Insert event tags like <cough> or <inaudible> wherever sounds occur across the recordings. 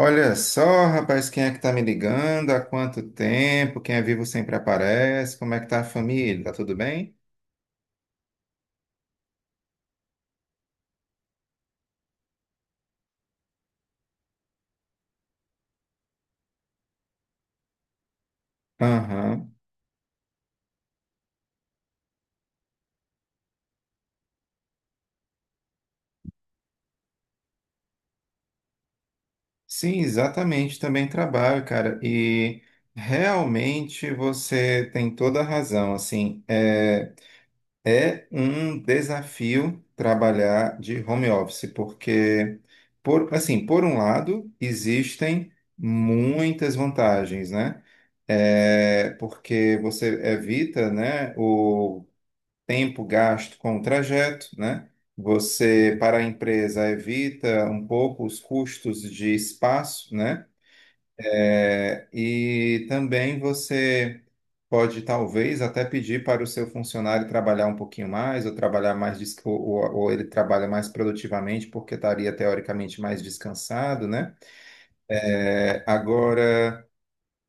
Olha só, rapaz, quem é que tá me ligando? Há quanto tempo? Quem é vivo sempre aparece. Como é que tá a família? Tá tudo bem? Aham. Sim, exatamente. Também trabalho, cara. E realmente você tem toda a razão. Assim, é. É um desafio trabalhar de home office, porque, assim, por um lado, existem muitas vantagens, né? É, porque você evita, né, o tempo gasto com o trajeto, né? Você, para a empresa, evita um pouco os custos de espaço, né? É, e também você pode, talvez, até pedir para o seu funcionário trabalhar um pouquinho mais, ou trabalhar mais, ou ele trabalha mais produtivamente, porque estaria teoricamente mais descansado, né? É, agora.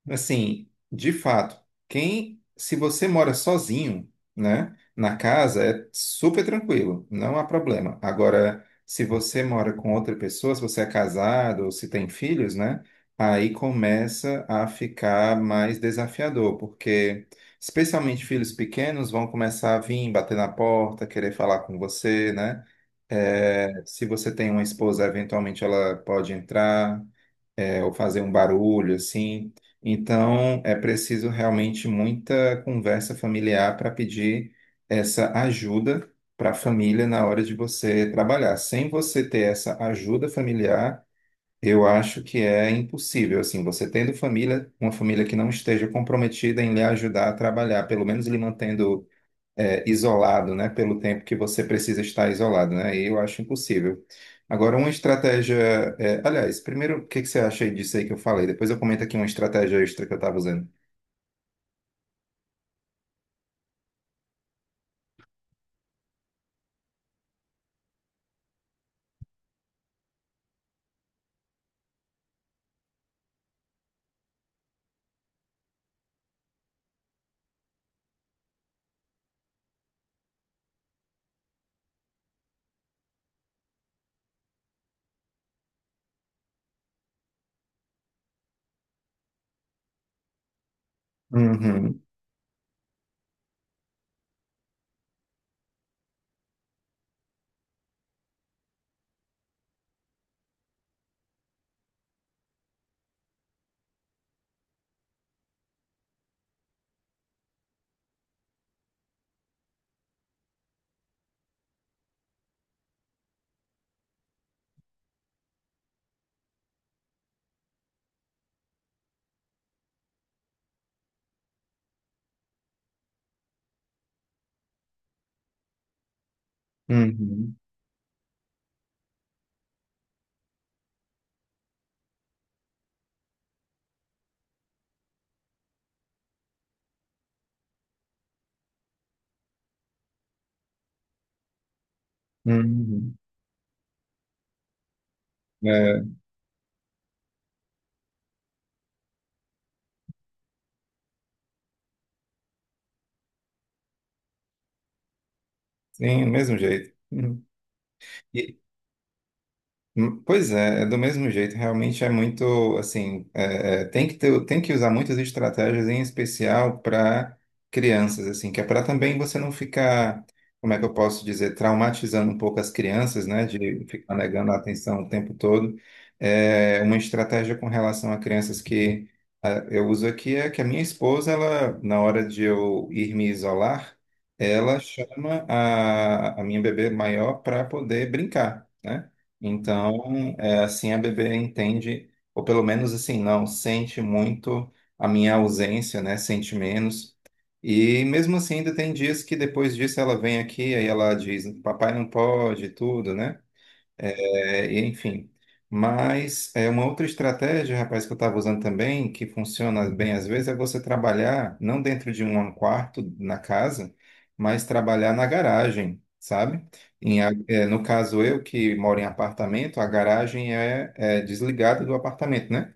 Assim, de fato, se você mora sozinho, né, na casa, é super tranquilo, não há problema. Agora, se você mora com outra pessoa, se você é casado ou se tem filhos, né, aí começa a ficar mais desafiador, porque especialmente filhos pequenos vão começar a vir, bater na porta, querer falar com você, né? É, se você tem uma esposa, eventualmente ela pode entrar ou fazer um barulho assim. Então, é preciso realmente muita conversa familiar para pedir essa ajuda para a família na hora de você trabalhar. Sem você ter essa ajuda familiar, eu acho que é impossível. Assim, você tendo família, uma família que não esteja comprometida em lhe ajudar a trabalhar, pelo menos lhe mantendo isolado, né, pelo tempo que você precisa estar isolado, né? E eu acho impossível. Agora, uma estratégia, aliás, primeiro, o que que você acha aí disso aí que eu falei? Depois eu comento aqui uma estratégia extra que eu estava usando. Uhum, uhum, uhum. É, sim, do mesmo jeito. Uhum. E, Pois é, é do mesmo jeito, realmente é muito, assim, é, é, tem que ter, tem que usar muitas estratégias, em especial para crianças, assim, que é para também você não ficar, como é que eu posso dizer, traumatizando um pouco as crianças, né, de ficar negando a atenção o tempo todo. É, uma estratégia com relação a crianças que eu uso aqui é que a minha esposa, ela, na hora de eu ir me isolar, ela chama a minha bebê maior para poder brincar. Né? Então, assim a bebê entende, ou pelo menos assim, não, sente muito a minha ausência, né? Sente menos. E mesmo assim, ainda tem dias que depois disso ela vem aqui, aí ela diz, papai não pode, e tudo, né? É, e enfim. Mas é uma outra estratégia, rapaz, que eu estava usando também, que funciona bem às vezes, é você trabalhar não dentro de um quarto na casa, mas trabalhar na garagem, sabe? No caso eu que moro em apartamento, a garagem é desligada do apartamento, né?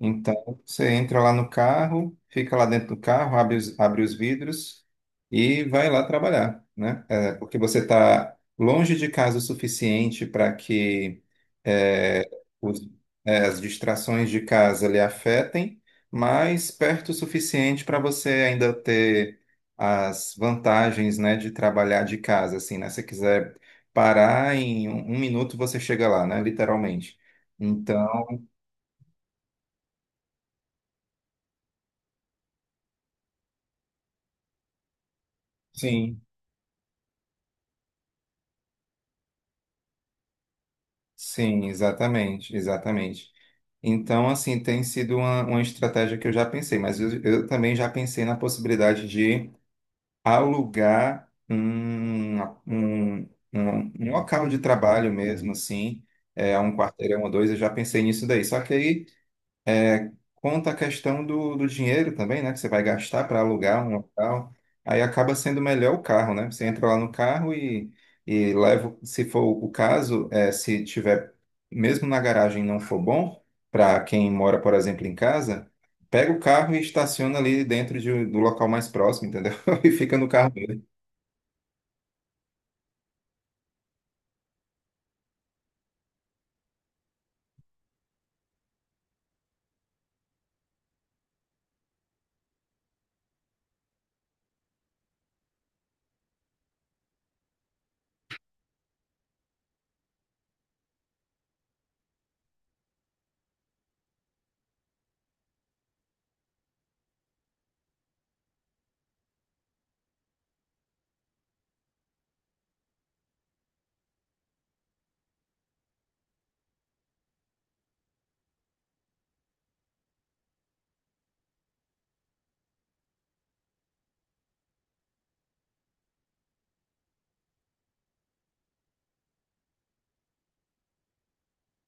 Então, você entra lá no carro, fica lá dentro do carro, abre os vidros e vai lá trabalhar, né? É, porque você está longe de casa o suficiente para que é, os- as distrações de casa lhe afetem, mas perto o suficiente para você ainda ter as vantagens, né, de trabalhar de casa, assim, né? Se você quiser parar em um minuto, você chega lá, né? Literalmente. Então, sim. Sim, exatamente, exatamente. Então, assim, tem sido uma estratégia que eu já pensei, mas eu também já pensei na possibilidade de alugar um, um local de trabalho mesmo, assim, um quarteirão ou dois, eu já pensei nisso daí. Só que aí conta a questão do dinheiro também, né? Que você vai gastar para alugar um local. Aí acaba sendo melhor o carro, né? Você entra lá no carro e leva, se for o caso, se tiver, mesmo na garagem não for bom, para quem mora, por exemplo, em casa, pega o carro e estaciona ali dentro do local mais próximo, entendeu? <laughs> E fica no carro dele.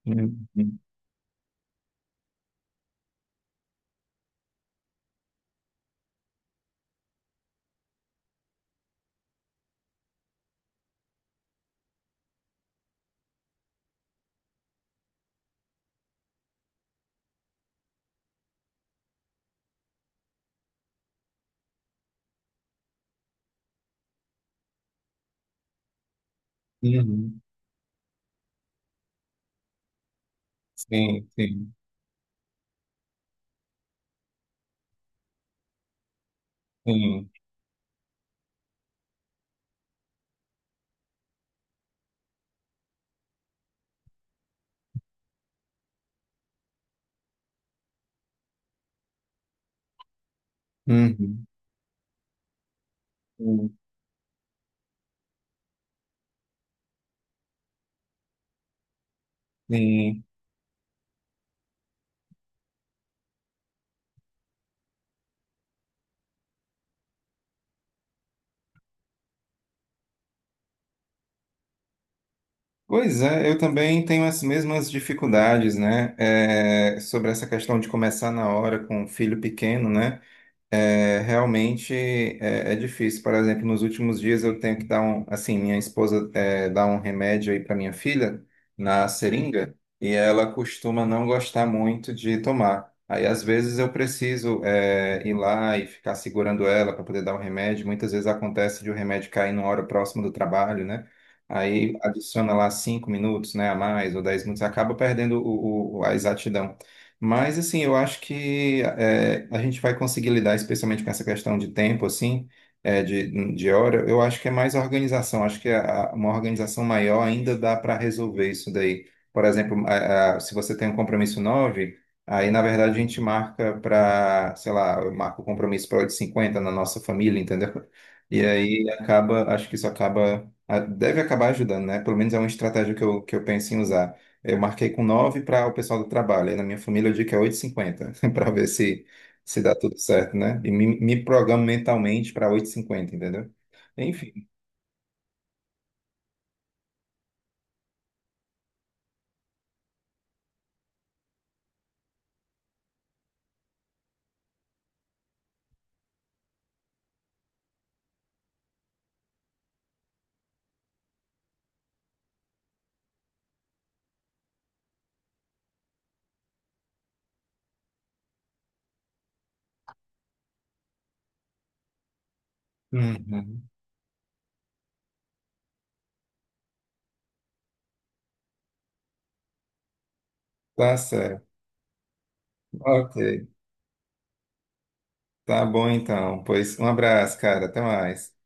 Uhum. Uhum. Sim, sim, sim. Uhum. Uhum. Sim. Pois é, eu também tenho as mesmas dificuldades, né? É, sobre essa questão de começar na hora com um filho pequeno, né? É, realmente é difícil. Por exemplo, nos últimos dias eu tenho que dar um, assim, minha esposa dá um remédio aí para minha filha na seringa e ela costuma não gostar muito de tomar. Aí às vezes eu preciso ir lá e ficar segurando ela para poder dar o remédio. Muitas vezes acontece de o remédio cair numa hora próxima do trabalho, né? Aí adiciona lá 5 minutos, né, a mais ou 10 minutos, acaba perdendo a exatidão, mas, assim, eu acho que a gente vai conseguir lidar, especialmente com essa questão de tempo, assim, de hora. Eu acho que é mais organização. Acho que uma organização maior ainda dá para resolver isso daí. Por exemplo, se você tem um compromisso 9, aí, na verdade, a gente marca para, sei lá, eu marco o compromisso para 8 h cinquenta na nossa família, entendeu? E aí acaba, acho que isso acaba, deve acabar ajudando, né? Pelo menos é uma estratégia que eu penso em usar. Eu marquei com 9 para o pessoal do trabalho. Aí na minha família eu digo que é 8h50 <laughs> para ver se dá tudo certo, né? E me programo mentalmente para 8h50, entendeu? Enfim. Uhum. Tá certo. Ok. Tá bom então. Pois um abraço, cara. Até mais.